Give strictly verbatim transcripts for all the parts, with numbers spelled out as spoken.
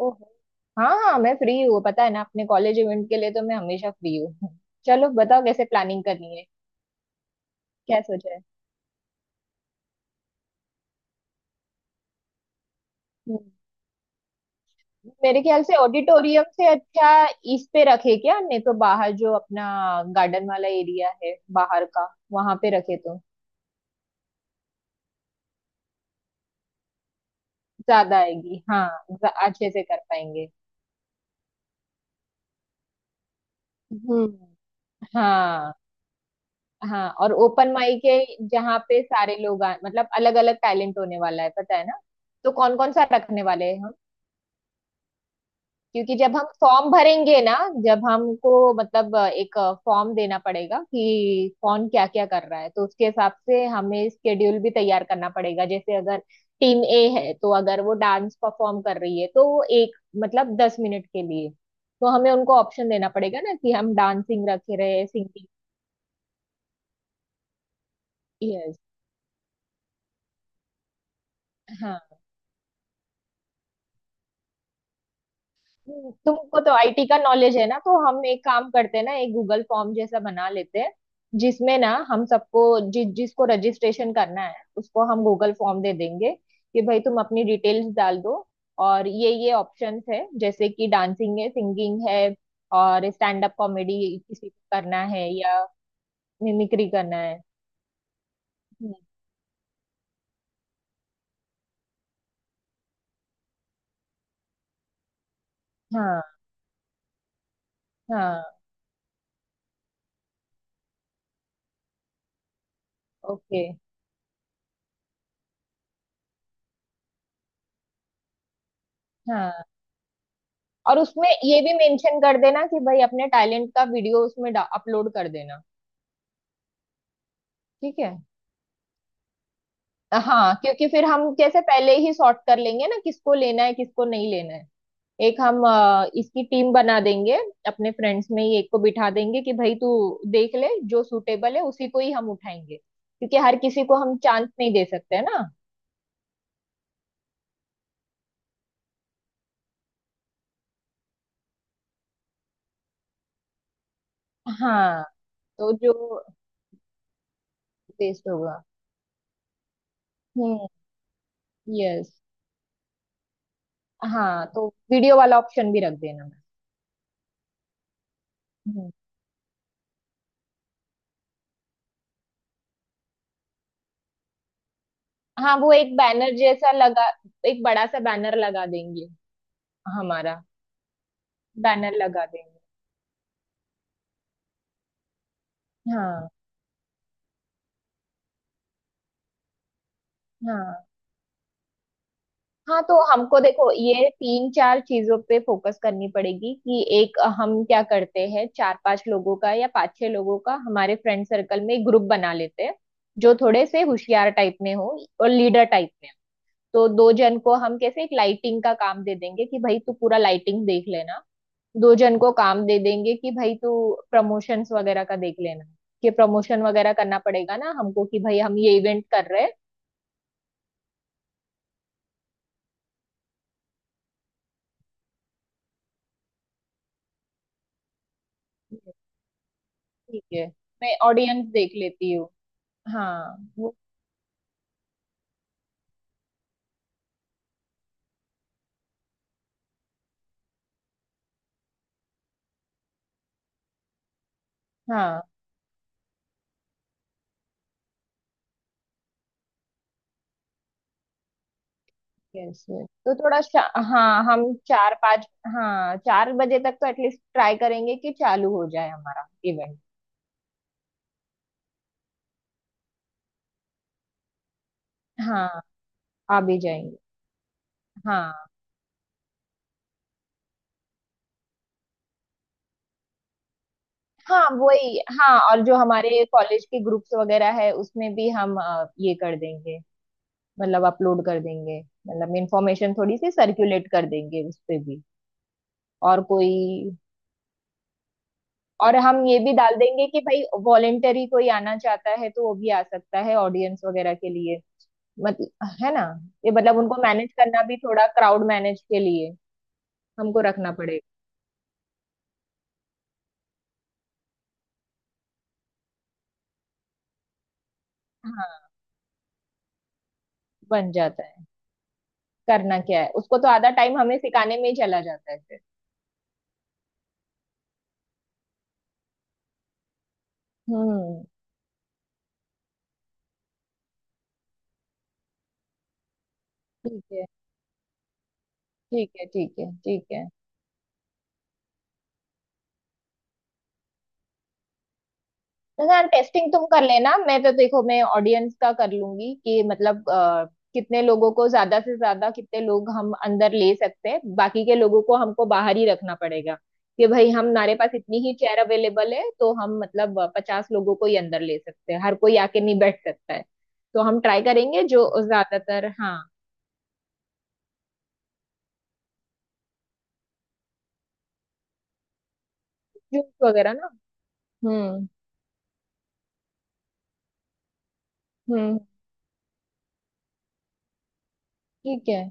ओहो, हाँ हाँ, मैं फ्री हूँ। पता है ना, अपने कॉलेज इवेंट के लिए तो मैं हमेशा फ्री हूँ। चलो बताओ कैसे प्लानिंग करनी है। क्या सोचा है? हम्म। मेरे ख्याल से ऑडिटोरियम से अच्छा इस पे रखे, क्या नहीं तो बाहर जो अपना गार्डन वाला एरिया है बाहर का, वहां पे रखे तो ज्यादा आएगी। हाँ, ज- अच्छे से कर पाएंगे। हम्म। हाँ हाँ, और ओपन माइक है जहाँ पे सारे लोग आ, मतलब अलग अलग टैलेंट होने वाला है, पता है ना। तो कौन कौन सा रखने वाले हैं? क्योंकि जब हम फॉर्म भरेंगे ना, जब हमको मतलब एक फॉर्म देना पड़ेगा कि कौन क्या क्या कर रहा है, तो उसके हिसाब से हमें स्केड्यूल भी तैयार करना पड़ेगा। जैसे अगर टीम ए है, तो अगर वो डांस परफॉर्म कर रही है तो वो एक मतलब दस मिनट के लिए, तो हमें उनको ऑप्शन देना पड़ेगा ना कि हम डांसिंग रखे रहे, सिंगिंग। यस। हम्म, तुमको तो आई टी का नॉलेज है ना, तो हम एक काम करते हैं ना, एक गूगल फॉर्म जैसा बना लेते हैं जिसमें ना हम सबको जि, जिसको रजिस्ट्रेशन करना है उसको हम गूगल फॉर्म दे देंगे कि भाई तुम अपनी डिटेल्स डाल दो, और ये ये ऑप्शंस है जैसे कि डांसिंग है, सिंगिंग है, और स्टैंड अप कॉमेडी किसी को करना है या मिमिक्री करना है। हम्म, हाँ हाँ। ओके। हाँ, और उसमें ये भी मेंशन कर देना कि भाई अपने टैलेंट का वीडियो उसमें अपलोड कर देना। ठीक है। हाँ, क्योंकि फिर हम जैसे पहले ही सॉर्ट कर लेंगे ना, किसको लेना है किसको नहीं लेना है। एक हम अ, इसकी टीम बना देंगे, अपने फ्रेंड्स में ही एक को बिठा देंगे कि भाई तू देख ले जो सूटेबल है उसी को ही हम उठाएंगे, क्योंकि हर किसी को हम चांस नहीं दे सकते, है ना। हाँ, तो जो बेस्ट होगा। हम्म। यस। हाँ, तो वीडियो वाला ऑप्शन भी रख देना मैम। हम्म, हाँ, वो एक बैनर जैसा लगा, एक बड़ा सा बैनर लगा देंगे। हमारा बैनर लगा देंगे। हाँ हाँ हाँ, तो हमको देखो ये तीन चार चीजों पे फोकस करनी पड़ेगी, कि एक हम क्या करते हैं, चार पांच लोगों का या पांच छह लोगों का हमारे फ्रेंड सर्कल में एक ग्रुप बना लेते हैं जो थोड़े से होशियार टाइप में हो और लीडर टाइप में। तो दो जन को हम कैसे एक लाइटिंग का काम दे देंगे कि भाई तू पूरा लाइटिंग देख लेना, दो जन को काम दे देंगे कि भाई तू प्रमोशंस वगैरह का देख लेना। कि प्रमोशन वगैरह करना पड़ेगा ना हमको, कि भाई हम ये इवेंट कर रहे हैं। ठीक है, मैं ऑडियंस देख लेती हूँ। हाँ वो। हाँ, यस यस, तो थोड़ा शा, हाँ, हम चार पाँच। हाँ, चार बजे तक तो एटलीस्ट ट्राई करेंगे कि चालू हो जाए हमारा इवेंट। हाँ, आ भी जाएंगे। हाँ। हाँ वही, हाँ, और जो हमारे कॉलेज के ग्रुप्स वगैरह है उसमें भी हम अ, ये कर देंगे, मतलब अपलोड कर देंगे, मतलब इंफॉर्मेशन थोड़ी सी सर्कुलेट कर देंगे उस पे भी। और कोई। और हम ये भी डाल देंगे कि भाई वॉलेंटरी कोई आना चाहता है तो वो भी आ सकता है, ऑडियंस वगैरह के लिए, मतलब है ना। ये मतलब उनको मैनेज करना भी थोड़ा, क्राउड मैनेज के लिए हमको रखना पड़ेगा। हाँ, बन जाता है। करना क्या है उसको, तो आधा टाइम हमें सिखाने में ही चला जाता है फिर। हम्म। ठीक है। ठीक है, ठीक है, ठीक है। यार, टेस्टिंग तुम कर लेना, मैं तो देखो मैं ऑडियंस का कर लूंगी कि मतलब अ, कितने लोगों को, ज्यादा से ज्यादा कितने लोग हम अंदर ले सकते हैं, बाकी के लोगों को हमको बाहर ही रखना पड़ेगा। कि भाई हमारे पास इतनी ही चेयर अवेलेबल है, तो हम मतलब पचास लोगों को ही अंदर ले सकते हैं, हर कोई आके नहीं बैठ सकता है। तो हम ट्राई करेंगे जो ज्यादातर, हाँ। जूस वगैरह ना। हम्म। हम्म, ठीक है।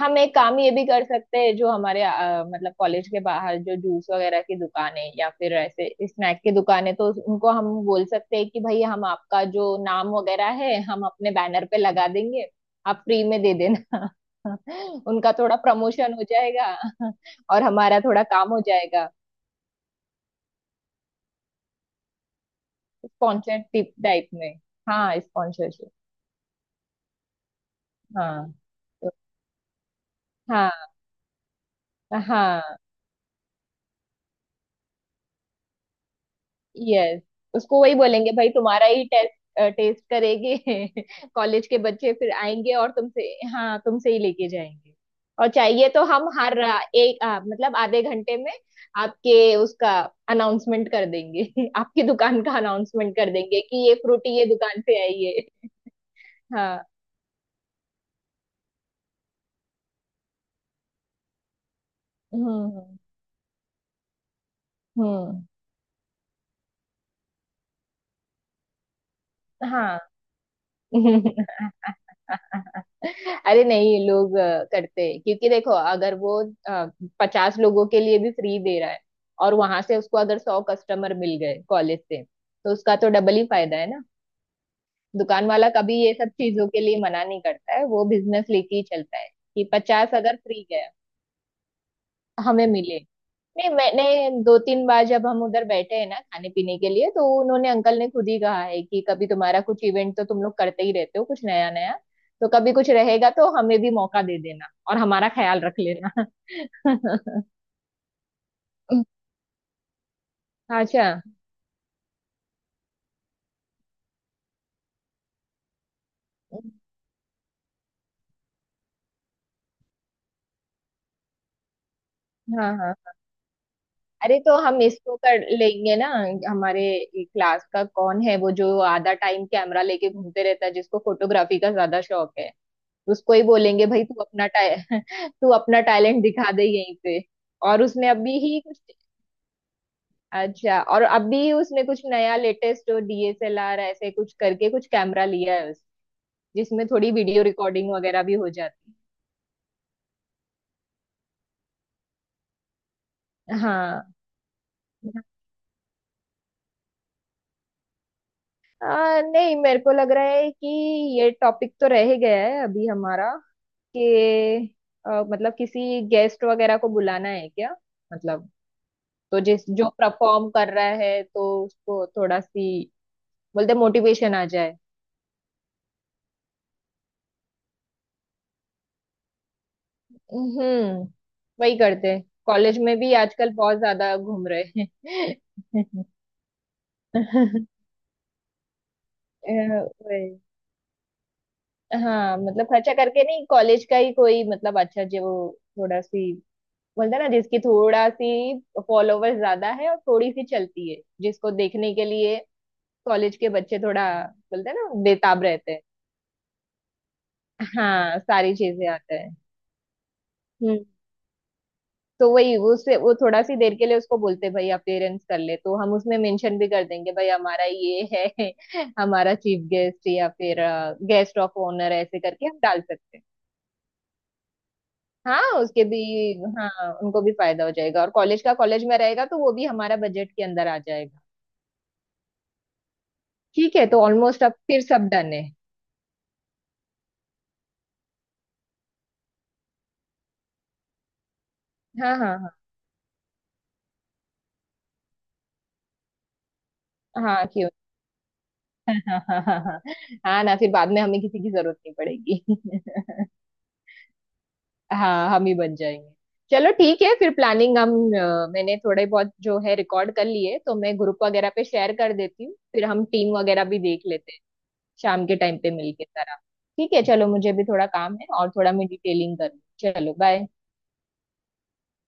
हम एक काम ये भी कर सकते हैं, जो हमारे अ, मतलब कॉलेज के बाहर जो जूस वगैरह की दुकान है या फिर ऐसे स्नैक की दुकान है, तो उनको हम बोल सकते हैं कि भाई हम आपका जो नाम वगैरह है हम अपने बैनर पे लगा देंगे, आप फ्री में दे देना। उनका थोड़ा प्रमोशन हो जाएगा। और हमारा थोड़ा काम हो जाएगा। स्पॉन्सर टाइप में। हाँ, स्पॉन्सरशिप। हाँ तो- हाँ हाँ, यस। उसको वही बोलेंगे, भाई तुम्हारा ही टेस्ट, टेस्ट करेंगे। कॉलेज के बच्चे फिर आएंगे और तुमसे, हाँ, तुमसे ही लेके जाएंगे। और चाहिए तो हम हर आ, एक आ, मतलब आधे घंटे में आपके उसका अनाउंसमेंट कर देंगे। आपकी दुकान का अनाउंसमेंट कर देंगे कि ये फ्रूटी ये दुकान से आई है। हाँ। हम्म। हम्म। हाँ। अरे नहीं, लोग अ, करते हैं, क्योंकि देखो अगर वो पचास लोगों के लिए भी फ्री दे रहा है और वहां से उसको अगर सौ कस्टमर मिल गए कॉलेज से, तो उसका तो डबल ही फायदा है ना। दुकान वाला कभी ये सब चीजों के लिए मना नहीं करता है, वो बिजनेस लेके ही चलता है। कि पचास अगर फ्री गया। हमें मिले। नहीं, मैंने दो तीन बार जब हम उधर बैठे हैं ना खाने पीने के लिए, तो उन्होंने अंकल ने खुद ही कहा है कि कभी तुम्हारा कुछ इवेंट, तो तुम लोग करते ही रहते हो कुछ नया नया, तो कभी कुछ रहेगा तो हमें भी मौका दे देना और हमारा ख्याल रख लेना। अच्छा। हाँ हाँ, अरे तो हम इसको कर लेंगे ना। हमारे क्लास का कौन है वो जो आधा टाइम कैमरा लेके घूमते रहता है, जिसको फोटोग्राफी का ज्यादा शौक है, उसको ही बोलेंगे भाई तू अपना टा- तू अपना टैलेंट दिखा दे यहीं पे। और उसने अभी ही कुछ, अच्छा, और अभी उसने कुछ नया latest D S L R ऐसे कुछ करके कुछ कैमरा लिया है उस, जिसमें थोड़ी वीडियो रिकॉर्डिंग वगैरह भी हो जाती है। हाँ। आ, नहीं, मेरे को लग रहा है कि ये टॉपिक तो रह ही गया है अभी हमारा। कि आ, मतलब किसी गेस्ट वगैरह को बुलाना है क्या, मतलब। तो जिस जो परफॉर्म कर रहा है तो उसको थोड़ा सी, बोलते मोटिवेशन आ जाए। हम्म, वही करते हैं। कॉलेज में भी आजकल बहुत ज्यादा घूम रहे हैं। अ, वही। हाँ, मतलब खर्चा करके नहीं, कॉलेज का ही कोई मतलब अच्छा जो वो थोड़ा सी बोलते हैं ना, जिसकी थोड़ा सी फॉलोवर ज्यादा है और थोड़ी सी चलती है, जिसको देखने के लिए कॉलेज के बच्चे थोड़ा बोलते हैं ना, बेताब रहते हैं। हाँ, सारी चीजें आता है, तो वही वो उससे वो थोड़ा सी देर के लिए उसको बोलते भाई अपियरेंस कर ले, तो हम उसमें मेंशन भी कर देंगे भाई हमारा ये है। हमारा चीफ गेस्ट या फिर गेस्ट ऑफ ऑनर ऐसे करके हम डाल सकते हैं। हाँ, उसके भी, हाँ, उनको भी फायदा हो जाएगा और कॉलेज का, कॉलेज में रहेगा तो वो भी हमारा बजट के अंदर आ जाएगा। ठीक है, तो ऑलमोस्ट अब फिर सब डन है। हाँ हाँ, हाँ हाँ, क्यों। हाँ। हाँ हाँ हाँ। हाँ ना, फिर बाद में हमें किसी की जरूरत नहीं पड़ेगी। हाँ, हम ही बन जाएंगे। चलो, ठीक है। फिर प्लानिंग हम अ, मैंने थोड़े बहुत जो है रिकॉर्ड कर लिए, तो मैं ग्रुप वगैरह पे शेयर कर देती हूँ, फिर हम टीम वगैरह भी देख लेते हैं। शाम के टाइम पे मिलके सारा। ठीक है, चलो, मुझे भी थोड़ा काम है और थोड़ा मैं डिटेलिंग करूँ। चलो बाय।